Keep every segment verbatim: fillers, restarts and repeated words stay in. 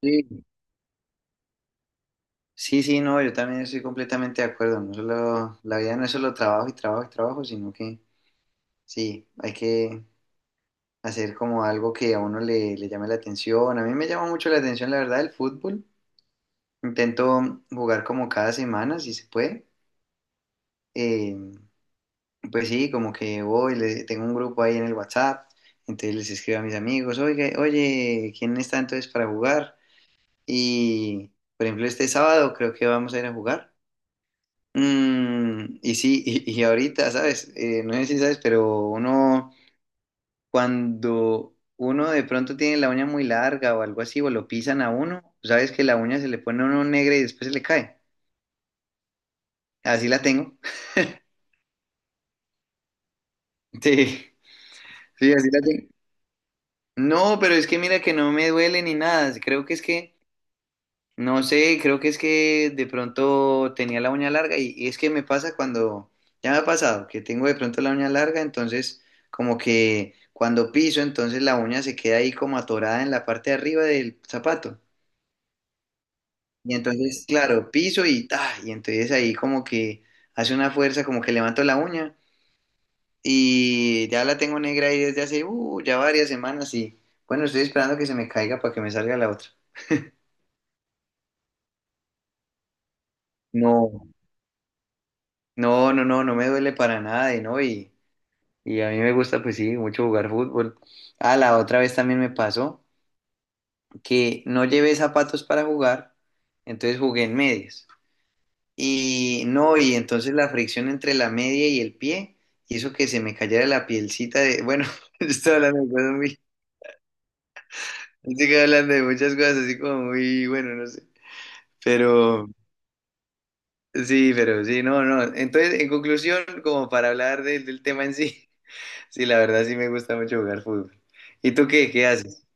Sí, sí, sí, no, yo también estoy completamente de acuerdo. No solo, la vida no es solo trabajo y trabajo y trabajo, sino que sí, hay que hacer como algo que a uno le, le llame la atención. A mí me llama mucho la atención, la verdad, el fútbol. Intento jugar como cada semana, si se puede. Eh, pues sí, como que voy, le- tengo un grupo ahí en el WhatsApp, entonces les escribo a mis amigos, oye, oye, ¿quién está entonces para jugar? Y, por ejemplo, este sábado creo que vamos a ir a jugar. Mm, y sí, y, y ahorita, ¿sabes? Eh, no sé si sabes, pero uno, cuando uno de pronto tiene la uña muy larga o algo así, o lo pisan a uno, sabes que la uña se le pone a uno negra y después se le cae. Así la tengo. Sí, sí, así la tengo. No, pero es que mira que no me duele ni nada. Creo que es que… No sé, creo que es que de pronto tenía la uña larga y, y es que me pasa cuando, ya me ha pasado, que tengo de pronto la uña larga, entonces como que cuando piso, entonces la uña se queda ahí como atorada en la parte de arriba del zapato. Y entonces, claro, piso y ta, y entonces ahí como que hace una fuerza, como que levanto la uña y ya la tengo negra ahí desde hace, uh, ya varias semanas y bueno, estoy esperando que se me caiga para que me salga la otra. No, no, no, no, no me duele para nada y no, y… Y a mí me gusta, pues sí, mucho jugar fútbol. Ah, la otra vez también me pasó que no llevé zapatos para jugar, entonces jugué en medias. Y no, y entonces la fricción entre la media y el pie hizo que se me cayera la pielcita de, bueno, yo estoy hablando de cosas muy, estoy hablando de muchas cosas así como muy, bueno, no sé. Pero sí, pero sí, no, no. Entonces, en conclusión, como para hablar del del tema en sí, sí, la verdad sí me gusta mucho jugar fútbol. ¿Y tú qué? ¿Qué haces?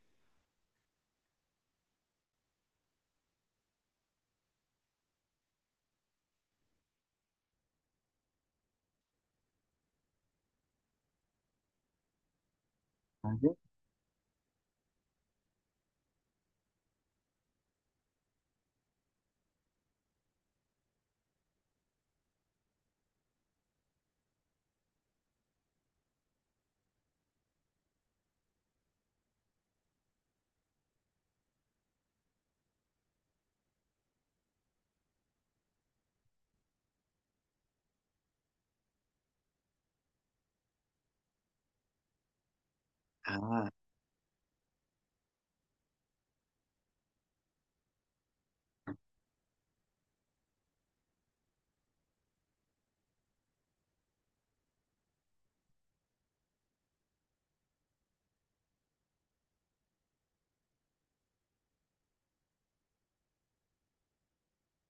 Ah,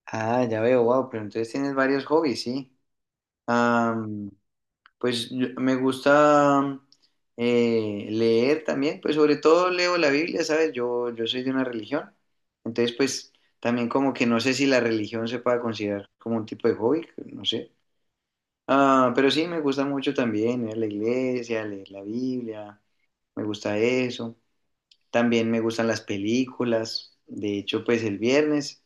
ah, ya veo, wow, pero entonces tienes varios hobbies, sí. Am, pues yo- me gusta eh, leer también, pues sobre todo leo la Biblia, ¿sabes? Yo, yo soy de una religión, entonces pues también como que no sé si la religión se pueda considerar como un tipo de hobby, no sé. Ah, pero sí, me gusta mucho también ir a la iglesia, leer la Biblia, me gusta eso. También me gustan las películas. De hecho, pues el viernes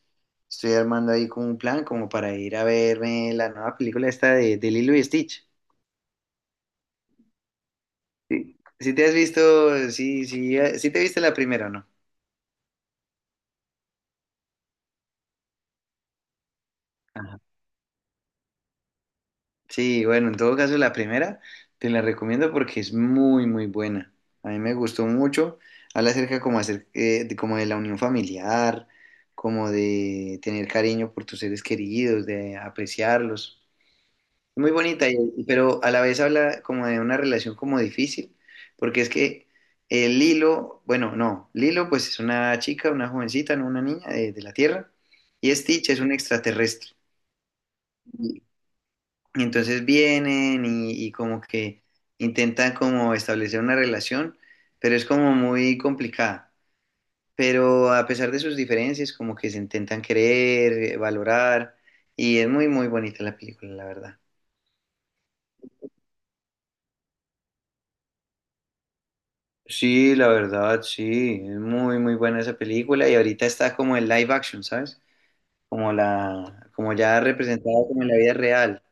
estoy armando ahí como un plan como para ir a verme la nueva película esta de, de Lilo y Stitch. Sí. Si te has visto, sí, sí, eh, sí te viste la primera o no. Ajá. Sí, bueno, en todo caso la primera te la recomiendo porque es muy, muy buena. A mí me gustó mucho. Habla acerca como, acer- eh, de, como de la unión familiar, como de tener cariño por tus seres queridos, de apreciarlos. Muy bonita, y… pero a la vez habla como de una relación como difícil, porque es que eh, Lilo, bueno, no, Lilo pues es una chica, una jovencita, no una niña de, de la Tierra, y Stitch es un extraterrestre. Y, y entonces vienen y, y como que intentan como establecer una relación, pero es como muy complicada. Pero a pesar de sus diferencias, como que se intentan querer, eh, valorar, y es muy, muy bonita la película, la verdad. Sí, la verdad, sí, es muy, muy buena esa película y ahorita está como en live action, ¿sabes? Como la, como ya representada como en la vida real.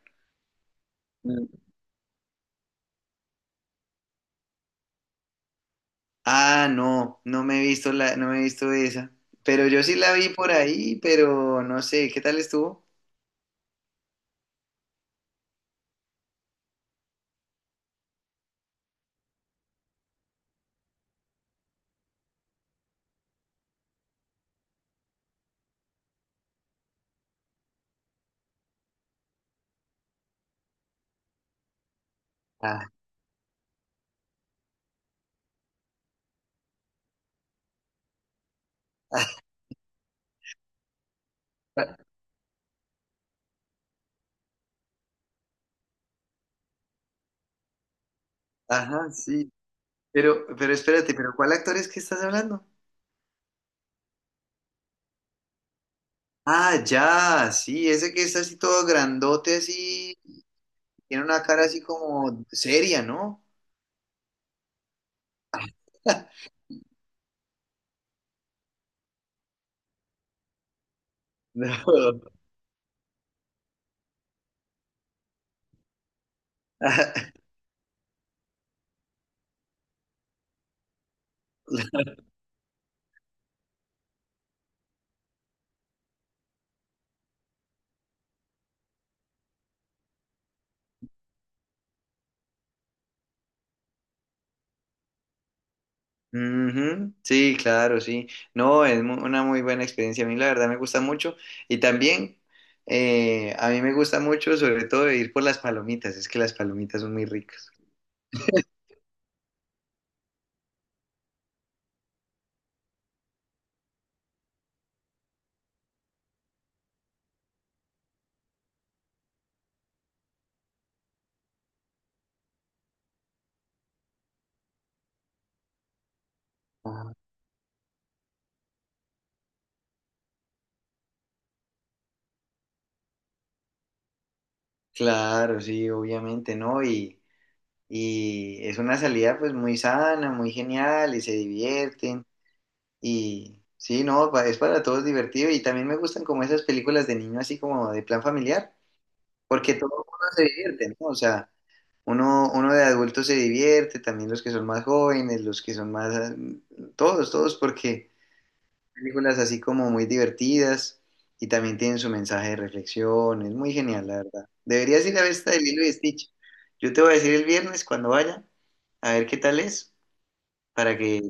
Mm. Ah, no, no me he visto la, no me he visto esa, pero yo sí la vi por ahí, pero no sé, ¿qué tal estuvo? Ah, ajá, sí, pero, pero espérate, pero ¿cuál actor es que estás hablando? Ah, ya, sí, ese que está así todo grandote, así, tiene una cara así como seria, ¿no? No. Ujú. Sí, claro, sí. No, es mu- una muy buena experiencia. A mí la verdad me gusta mucho. Y también eh, a mí me gusta mucho sobre todo ir por las palomitas. Es que las palomitas son muy ricas. Ah, claro, sí, obviamente, ¿no? Y, y es una salida pues muy sana, muy genial y se divierten. Y sí, no, pa- es para todos divertido. Y también me gustan como esas películas de niño así como de plan familiar, porque todo el mundo se divierte, ¿no? O sea… Uno, uno de adultos se divierte, también los que son más jóvenes, los que son más, ah, todos, todos, porque películas así como muy divertidas y también tienen su mensaje de reflexión, es muy genial, la verdad. Deberías ir a ver esta de Lilo y Stitch. Yo te voy a decir el viernes cuando vaya, a ver qué tal es, para que…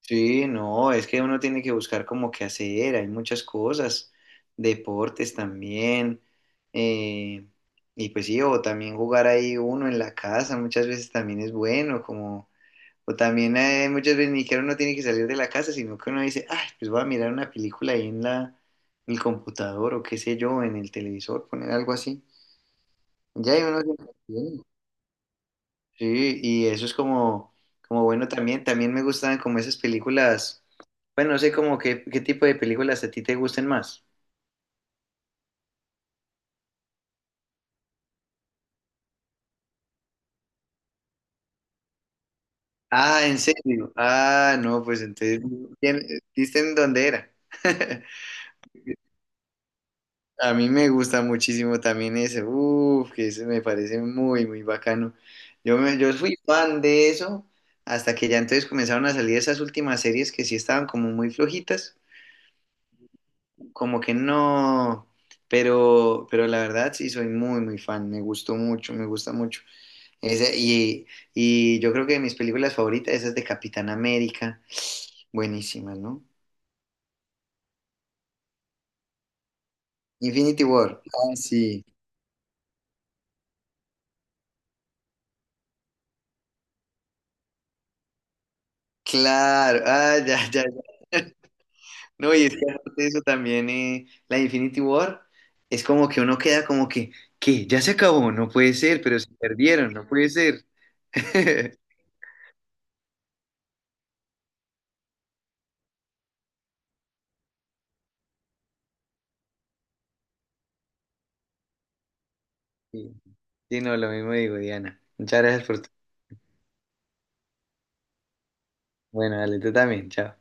Sí, no, es que uno tiene que buscar como qué hacer, hay muchas cosas, deportes también, eh, y pues sí, o también jugar ahí uno en la casa, muchas veces también es bueno, como, o también eh, muchas veces ni que uno tiene que salir de la casa, sino que uno dice, ay, pues voy a mirar una película ahí en la, en el computador o qué sé yo, en el televisor, poner algo así. Ya hay uno… Sí, y eso es como, como bueno también. También me gustan como esas películas. Bueno, no sé como qué, qué tipo de películas a ti te gusten más. Ah, ¿en serio? Ah, no, pues entonces, ¿quién… ¿viste en dónde era? A mí me gusta muchísimo también ese. Uf, que ese me parece muy, muy bacano. Yo, me, yo fui fan de eso hasta que ya entonces comenzaron a salir esas últimas series que sí estaban como muy flojitas. Como que no, pero, pero la verdad sí soy muy, muy fan, me gustó mucho, me gusta mucho. Ese… y, y yo creo que de mis películas favoritas, esas de Capitán América, buenísimas, ¿no? Infinity War, ah, sí, claro, ah, ya, ya, ya. No, y es que aparte de eso también, eh, la Infinity War, es como que uno queda como que, ¿qué? Ya se acabó, no puede ser, pero se perdieron, no puede ser. Sí, sí, no, lo mismo digo, Diana. Muchas gracias por tu… Bueno, dale, tú también, chao.